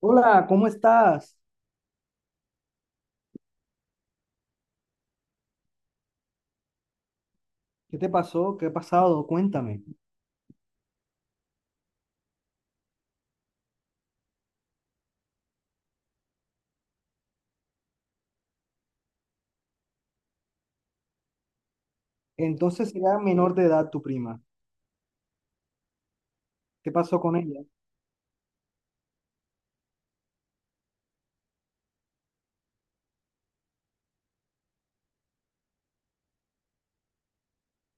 Hola, ¿cómo estás? ¿Qué te pasó? ¿Qué ha pasado? Cuéntame. Entonces era menor de edad tu prima. ¿Qué pasó con ella?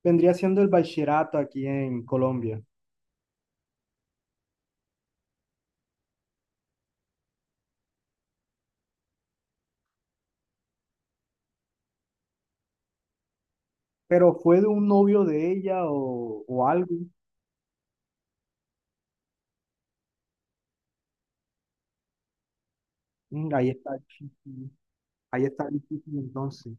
Vendría siendo el bachillerato aquí en Colombia. ¿Pero fue de un novio de ella o algo? Mm, ahí está difícil. Ahí está difícil entonces.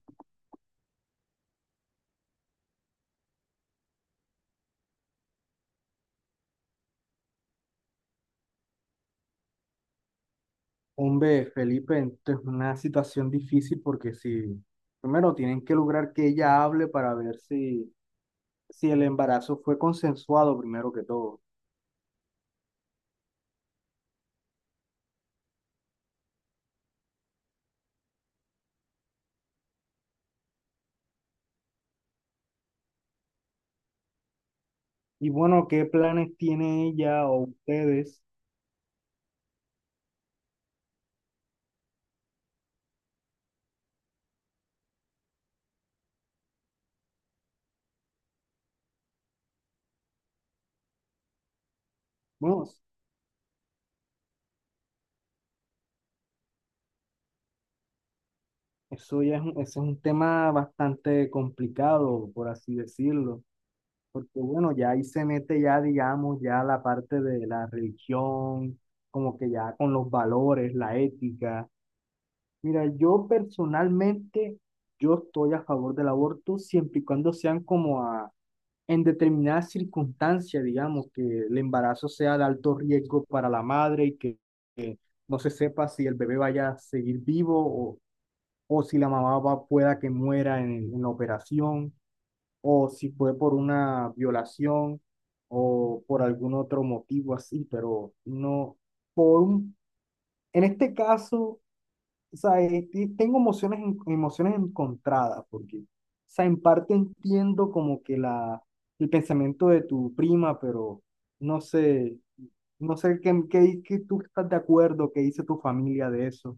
Hombre, Felipe, esto es una situación difícil porque si... Primero tienen que lograr que ella hable para ver si el embarazo fue consensuado primero que todo. Y bueno, ¿qué planes tiene ella o ustedes? Bueno, eso ya es ese es un tema bastante complicado, por así decirlo, porque bueno, ya ahí se mete ya, digamos, ya la parte de la religión, como que ya con los valores, la ética. Mira, yo personalmente, yo estoy a favor del aborto siempre y cuando sean como a, en determinadas circunstancias, digamos, que el embarazo sea de alto riesgo para la madre y que no se sepa si el bebé vaya a seguir vivo o si la mamá pueda que muera en la operación, o si fue por una violación o por algún otro motivo así, pero no, por un, en este caso, o sea, tengo emociones, emociones encontradas, porque, o sea, en parte entiendo como que el pensamiento de tu prima, pero no sé, no sé qué tú estás de acuerdo, qué dice tu familia de eso.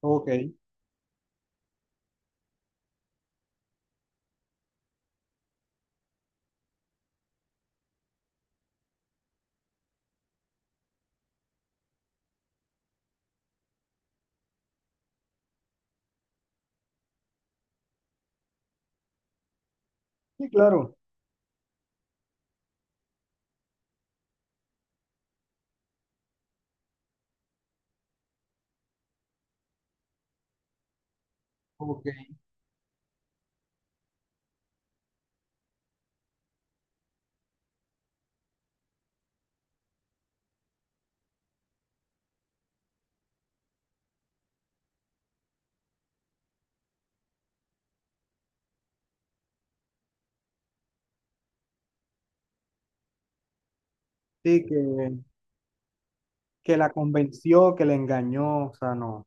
Ok, sí, claro. Ok. Sí, que la convenció, que la engañó, o sea, no.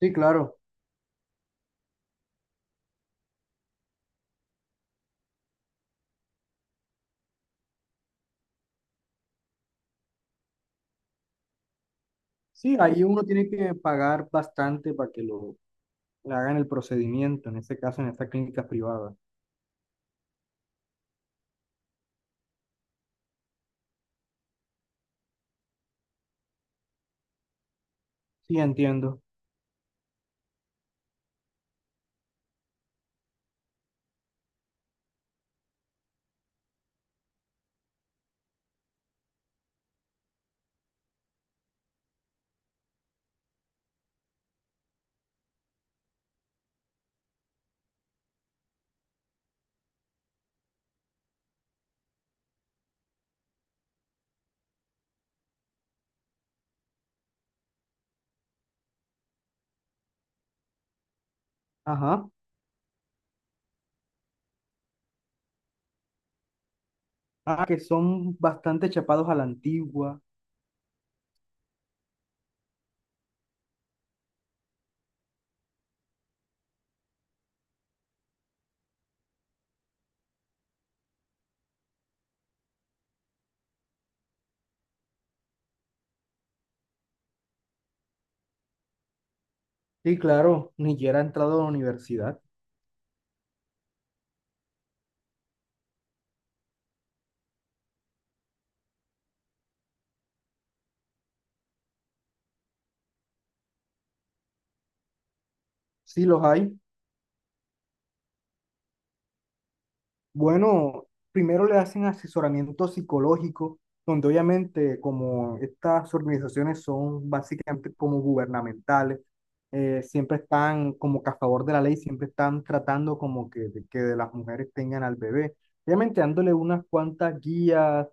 Sí, claro. Sí, ahí uno tiene que pagar bastante para que lo... le hagan el procedimiento, en ese caso, en estas clínicas privadas. Sí, entiendo. Ajá. Ah, que son bastante chapados a la antigua. Sí, claro. Ni siquiera ha entrado a la universidad. Sí, los hay. Bueno, primero le hacen asesoramiento psicológico, donde obviamente como estas organizaciones son básicamente como gubernamentales, siempre están como que a favor de la ley, siempre están tratando como que de las mujeres tengan al bebé, obviamente dándole unas cuantas guías,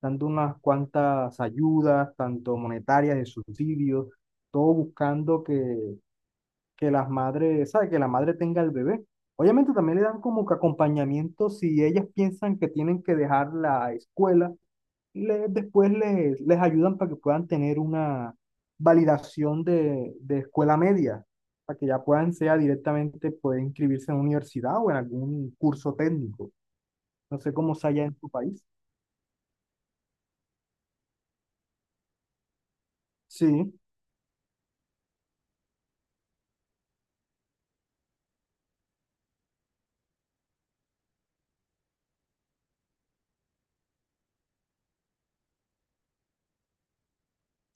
dando unas cuantas ayudas, tanto monetarias, de subsidios, todo buscando que las madres, ¿sabes? Que la madre tenga el bebé. Obviamente también le dan como que acompañamiento si ellas piensan que tienen que dejar la escuela, después les ayudan para que puedan tener una validación de escuela media, para que ya puedan sea directamente poder inscribirse en una universidad o en algún curso técnico. No sé cómo sea allá en tu país. Sí,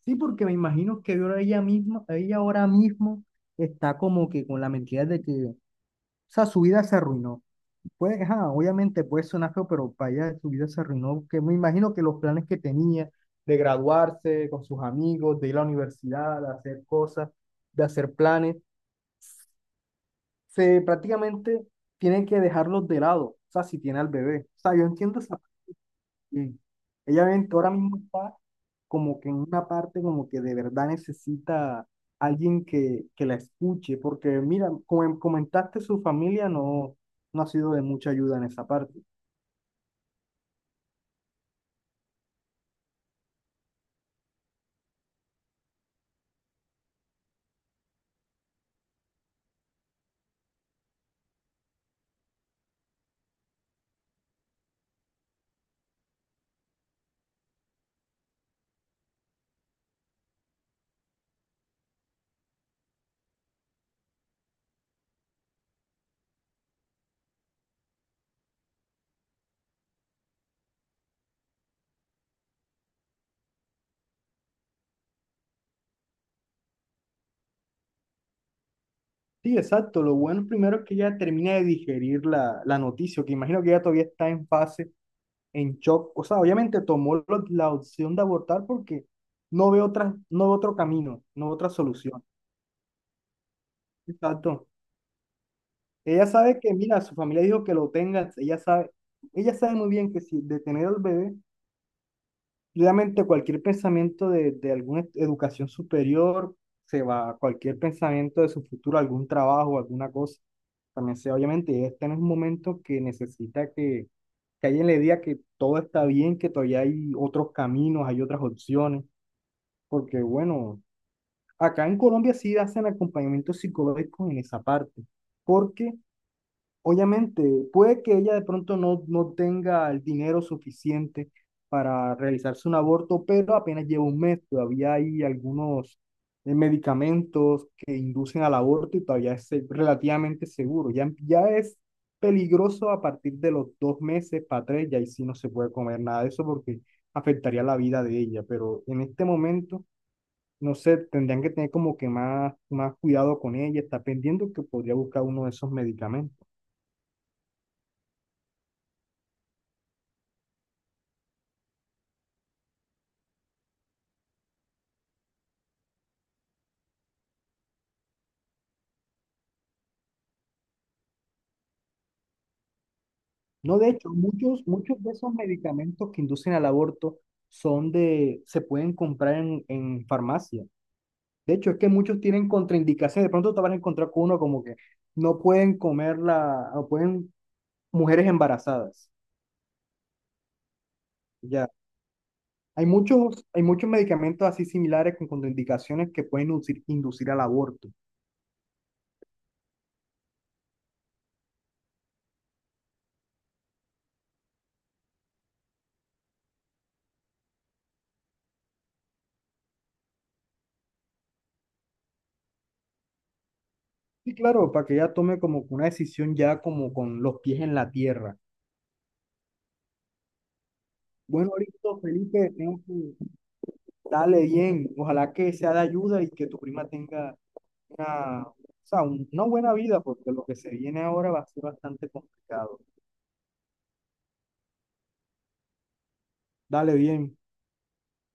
sí, porque me imagino que ahora ella misma, ella ahora mismo está como que con la mentira de que, o sea, su vida se arruinó. Pues, ajá, obviamente puede sonar feo, pero para allá su vida se arruinó, que me imagino que los planes que tenía de graduarse con sus amigos, de ir a la universidad, de hacer cosas, de hacer planes, se prácticamente tienen que dejarlos de lado, o sea, si tiene al bebé. O sea, yo entiendo esa parte bien. Ella ahora mismo está como que en una parte como que de verdad necesita alguien que la escuche, porque mira, como comentaste, su familia no ha sido de mucha ayuda en esa parte. Sí, exacto. Lo bueno primero es que ella termina de digerir la noticia, que imagino que ella todavía está en fase, en shock. O sea, obviamente tomó la opción de abortar porque no ve otra, no ve otro camino, no ve otra solución. Exacto. Ella sabe que, mira, su familia dijo que lo tenga, ella sabe muy bien que si de tener al bebé realmente cualquier pensamiento de alguna educación superior se va, cualquier pensamiento de su futuro, algún trabajo, alguna cosa, también se va. Obviamente, ella está en un momento que necesita que alguien le diga que todo está bien, que todavía hay otros caminos, hay otras opciones, porque bueno, acá en Colombia sí hacen acompañamiento psicológico en esa parte, porque obviamente, puede que ella de pronto no tenga el dinero suficiente para realizarse un aborto, pero apenas lleva un mes, todavía hay algunos medicamentos que inducen al aborto y todavía es relativamente seguro. Ya es peligroso a partir de los dos meses para tres, y ahí sí no se puede comer nada de eso porque afectaría la vida de ella, pero en este momento, no sé, tendrían que tener como que más cuidado con ella, está pendiente que podría buscar uno de esos medicamentos. No, de hecho, muchos de esos medicamentos que inducen al aborto se pueden comprar en farmacia. De hecho, es que muchos tienen contraindicaciones. De pronto te vas a encontrar con uno como que no pueden comer la, o pueden mujeres embarazadas. Ya. Hay muchos medicamentos así similares con contraindicaciones que pueden inducir al aborto. Y claro, para que ella tome como que una decisión ya como con los pies en la tierra. Bueno, listo, Felipe, tengo que. Dale bien, ojalá que sea de ayuda y que tu prima tenga una, o sea, una buena vida, porque lo que se viene ahora va a ser bastante complicado. Dale bien.